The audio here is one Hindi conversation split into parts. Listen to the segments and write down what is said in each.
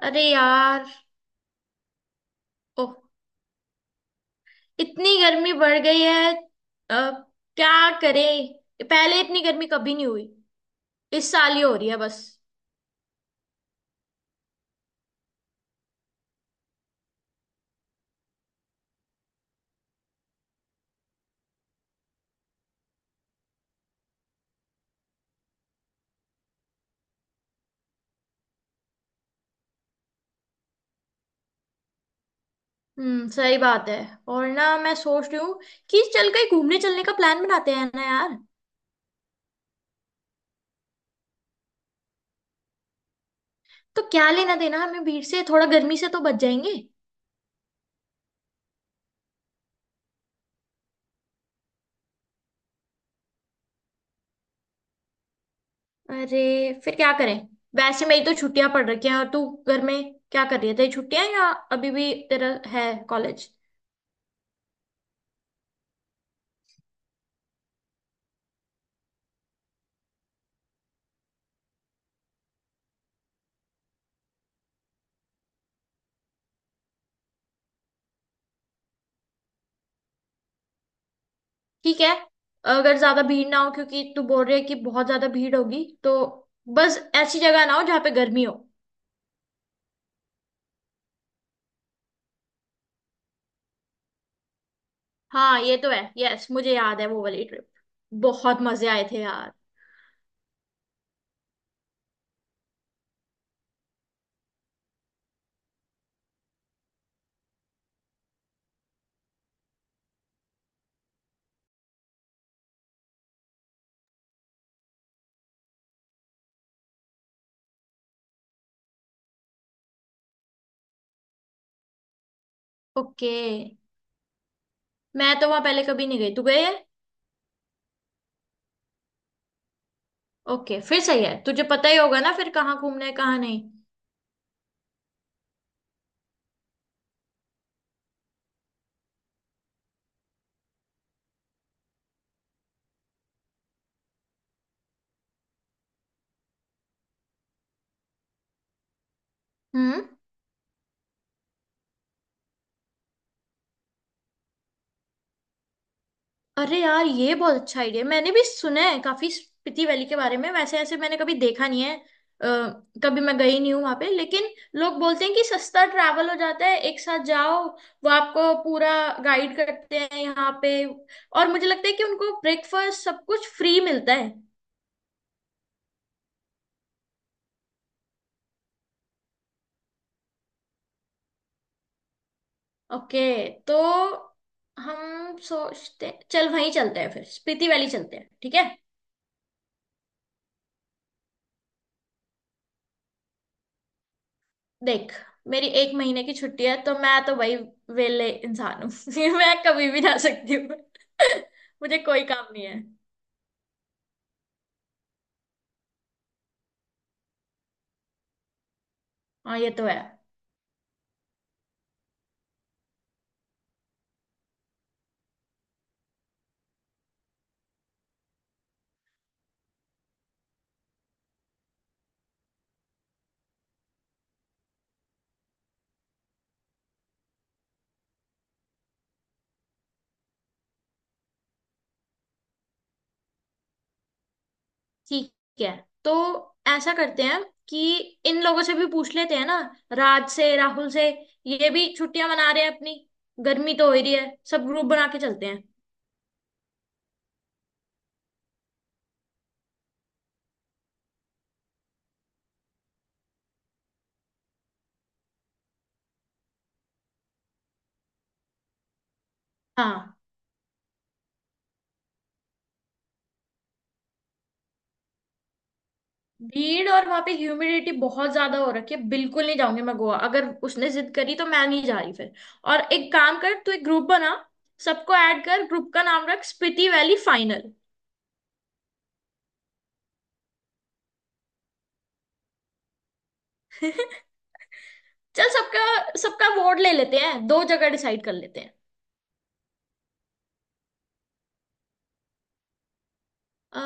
अरे यार। ओह। इतनी गर्मी बढ़ गई है। अ, क्या करें। पहले इतनी गर्मी कभी नहीं हुई। इस साल ही हो रही है बस। हम्म, सही बात है। और ना मैं सोच रही हूँ कि चल कहीं घूमने चलने का प्लान बनाते हैं ना यार। तो क्या लेना देना हमें भीड़ से। थोड़ा गर्मी से तो बच जाएंगे। अरे फिर क्या करें। वैसे मेरी तो छुट्टियां पड़ रखी हैं। और तू घर में क्या कर रही है? तेरी छुट्टियां या अभी भी तेरा है कॉलेज? ठीक है। अगर ज्यादा भीड़ ना हो क्योंकि तू बोल रही है कि बहुत ज्यादा भीड़ होगी तो बस ऐसी जगह ना हो जहाँ पे गर्मी हो। हाँ ये तो है। यस मुझे याद है वो वाली ट्रिप। बहुत मजे आए थे यार। ओके। मैं तो वहां पहले कभी नहीं गई। तू गई है? ओके फिर सही है। तुझे पता ही होगा ना फिर कहाँ घूमना है कहाँ नहीं। हम्म। अरे यार ये बहुत अच्छा आइडिया। मैंने भी सुना है काफी स्पीति वैली के बारे में। वैसे ऐसे मैंने कभी देखा नहीं है। कभी मैं गई नहीं हूँ वहां पे। लेकिन लोग बोलते हैं कि सस्ता ट्रैवल हो जाता है एक साथ जाओ। वो आपको पूरा गाइड करते हैं यहाँ पे और मुझे लगता है कि उनको ब्रेकफास्ट सब कुछ फ्री मिलता है। ओके। तो हम सोचते चल वहीं चलते हैं फिर स्पीति वैली चलते हैं ठीक है। देख मेरी एक महीने की छुट्टी है तो मैं तो वही वेले इंसान हूँ। मैं कभी भी जा सकती हूँ। मुझे कोई काम नहीं है। हाँ ये तो है। ठीक है तो ऐसा करते हैं कि इन लोगों से भी पूछ लेते हैं ना राज से राहुल से। ये भी छुट्टियां मना रहे हैं अपनी। गर्मी तो हो ही रही है सब ग्रुप बना के चलते हैं। हाँ। भीड़ और वहां पे ह्यूमिडिटी बहुत ज्यादा हो रखी है। बिल्कुल नहीं जाऊंगी मैं गोवा। अगर उसने जिद करी तो मैं नहीं जा रही फिर। और एक काम कर तू एक ग्रुप बना। सबको ऐड कर। ग्रुप का नाम रख स्पीति वैली फाइनल। चल सबका सबका वोट ले लेते हैं। दो जगह डिसाइड कर लेते हैं।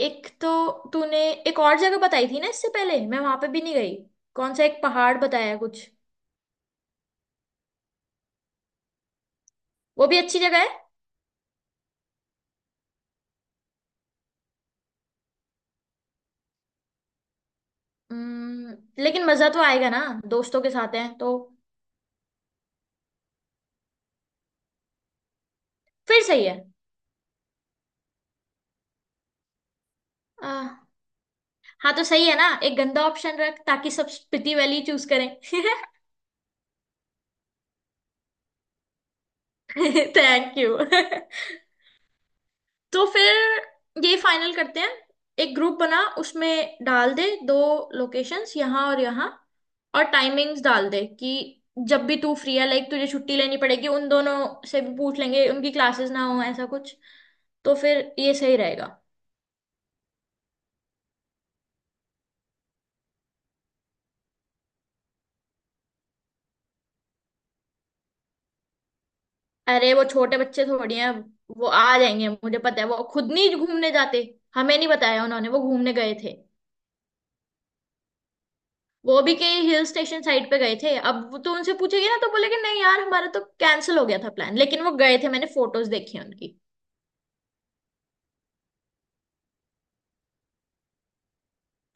एक तो तूने एक और जगह बताई थी ना इससे पहले। मैं वहां पे भी नहीं गई। कौन सा एक पहाड़ बताया है कुछ? वो भी अच्छी जगह है। हम्म, लेकिन मजा तो आएगा ना दोस्तों के साथ हैं तो। फिर सही है। आ, हाँ तो सही है ना एक गंदा ऑप्शन रख ताकि सब स्पीति वैली चूज करें। Thank you. तो फिर ये फाइनल करते हैं। एक ग्रुप बना उसमें डाल दे दो लोकेशंस यहाँ और यहाँ। और टाइमिंग्स डाल दे कि जब भी तू फ्री है लाइक तुझे छुट्टी लेनी पड़ेगी। उन दोनों से भी पूछ लेंगे उनकी क्लासेस ना हो ऐसा कुछ। तो फिर ये सही रहेगा। अरे वो छोटे बच्चे थोड़ी हैं। वो आ जाएंगे। मुझे पता है वो खुद नहीं घूमने जाते। हमें नहीं बताया उन्होंने वो घूमने गए थे। वो भी कहीं हिल स्टेशन साइड पे गए थे। अब वो तो उनसे पूछेगी ना तो बोलेंगे नहीं यार हमारा तो कैंसिल हो गया था प्लान। लेकिन वो गए थे मैंने फोटोज देखी हैं उनकी।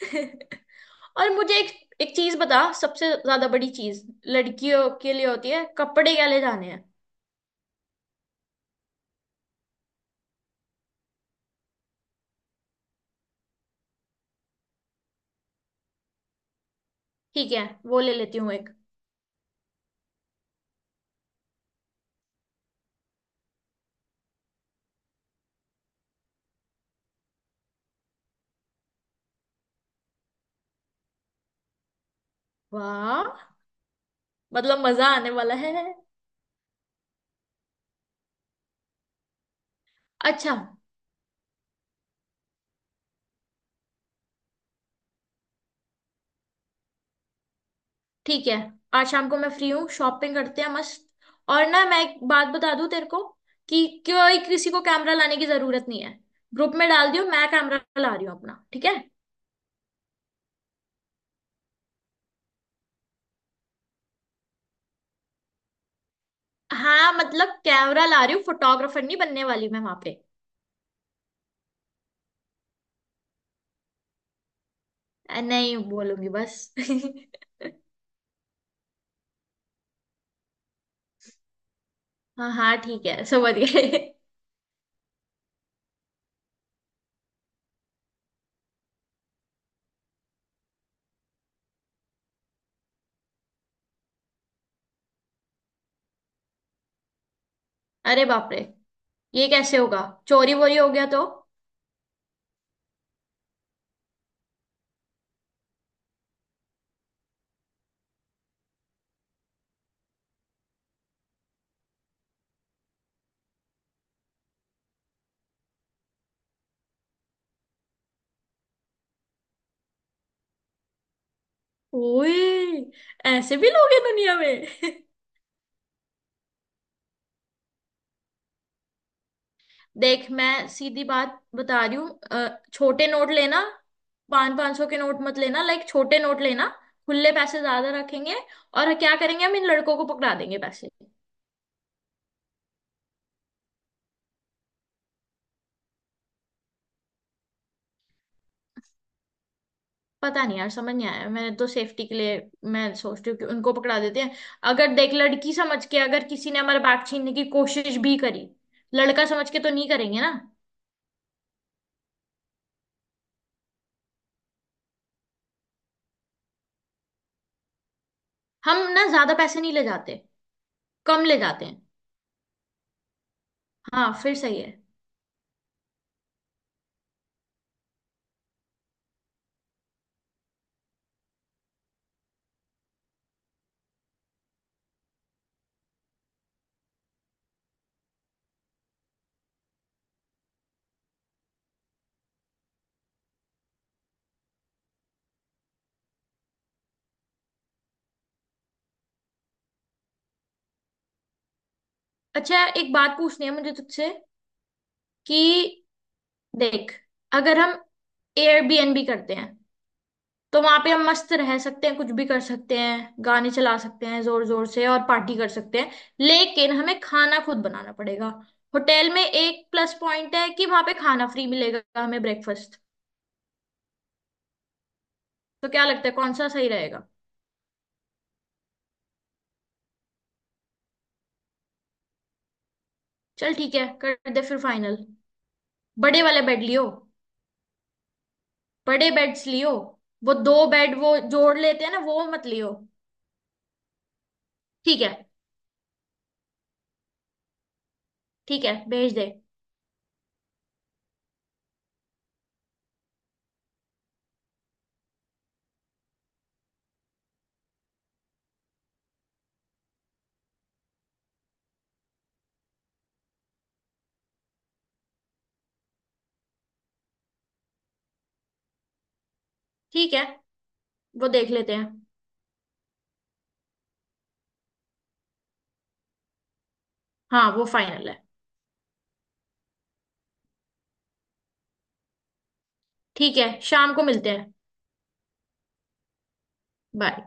और मुझे एक एक चीज बता। सबसे ज्यादा बड़ी चीज लड़कियों के लिए होती है कपड़े। क्या ले जाने हैं? ठीक है। वो ले लेती हूँ एक। वाह। मतलब मजा आने वाला है। अच्छा। ठीक है आज शाम को मैं फ्री हूँ शॉपिंग करते हैं मस्त। और ना मैं एक बात बता दूँ तेरे को कि कोई किसी को कैमरा लाने की जरूरत नहीं है। ग्रुप में डाल दियो मैं कैमरा ला रही हूँ अपना ठीक है। हाँ मतलब कैमरा ला रही हूँ। फोटोग्राफर नहीं बनने वाली मैं वहां पे। नहीं बोलूंगी बस। हाँ हाँ ठीक है समझ गए। अरे बाप रे ये कैसे होगा? चोरी वोरी हो गया तो? ओए ऐसे भी लोग हैं दुनिया में। देख मैं सीधी बात बता रही हूँ। छोटे नोट लेना। पाँच 500 के नोट मत लेना। लाइक छोटे नोट लेना। खुले पैसे ज्यादा रखेंगे। और क्या करेंगे हम इन लड़कों को पकड़ा देंगे पैसे। पता नहीं यार समझ नहीं आया। मैंने तो सेफ्टी के लिए मैं सोचती हूँ कि उनको पकड़ा देते हैं। अगर देख लड़की समझ के अगर किसी ने हमारा बैग छीनने की कोशिश भी करी लड़का समझ के तो नहीं करेंगे ना। हम ना ज्यादा पैसे नहीं ले जाते। कम ले जाते हैं। हाँ फिर सही है। अच्छा एक बात पूछनी है मुझे तुझसे कि देख अगर हम एयरबीएनबी करते हैं तो वहां पे हम मस्त रह सकते हैं कुछ भी कर सकते हैं गाने चला सकते हैं जोर जोर से और पार्टी कर सकते हैं। लेकिन हमें खाना खुद बनाना पड़ेगा। होटल में एक प्लस पॉइंट है कि वहां पे खाना फ्री मिलेगा हमें ब्रेकफास्ट। तो क्या लगता है कौन सा सही रहेगा? चल ठीक है कर दे फिर फाइनल। बड़े वाले बेड लियो। बड़े बेड्स लियो। वो दो बेड वो जोड़ लेते हैं ना वो मत लियो। ठीक है। ठीक है भेज दे। ठीक है वो देख लेते हैं। हाँ वो फाइनल है। ठीक है शाम को मिलते हैं। बाय।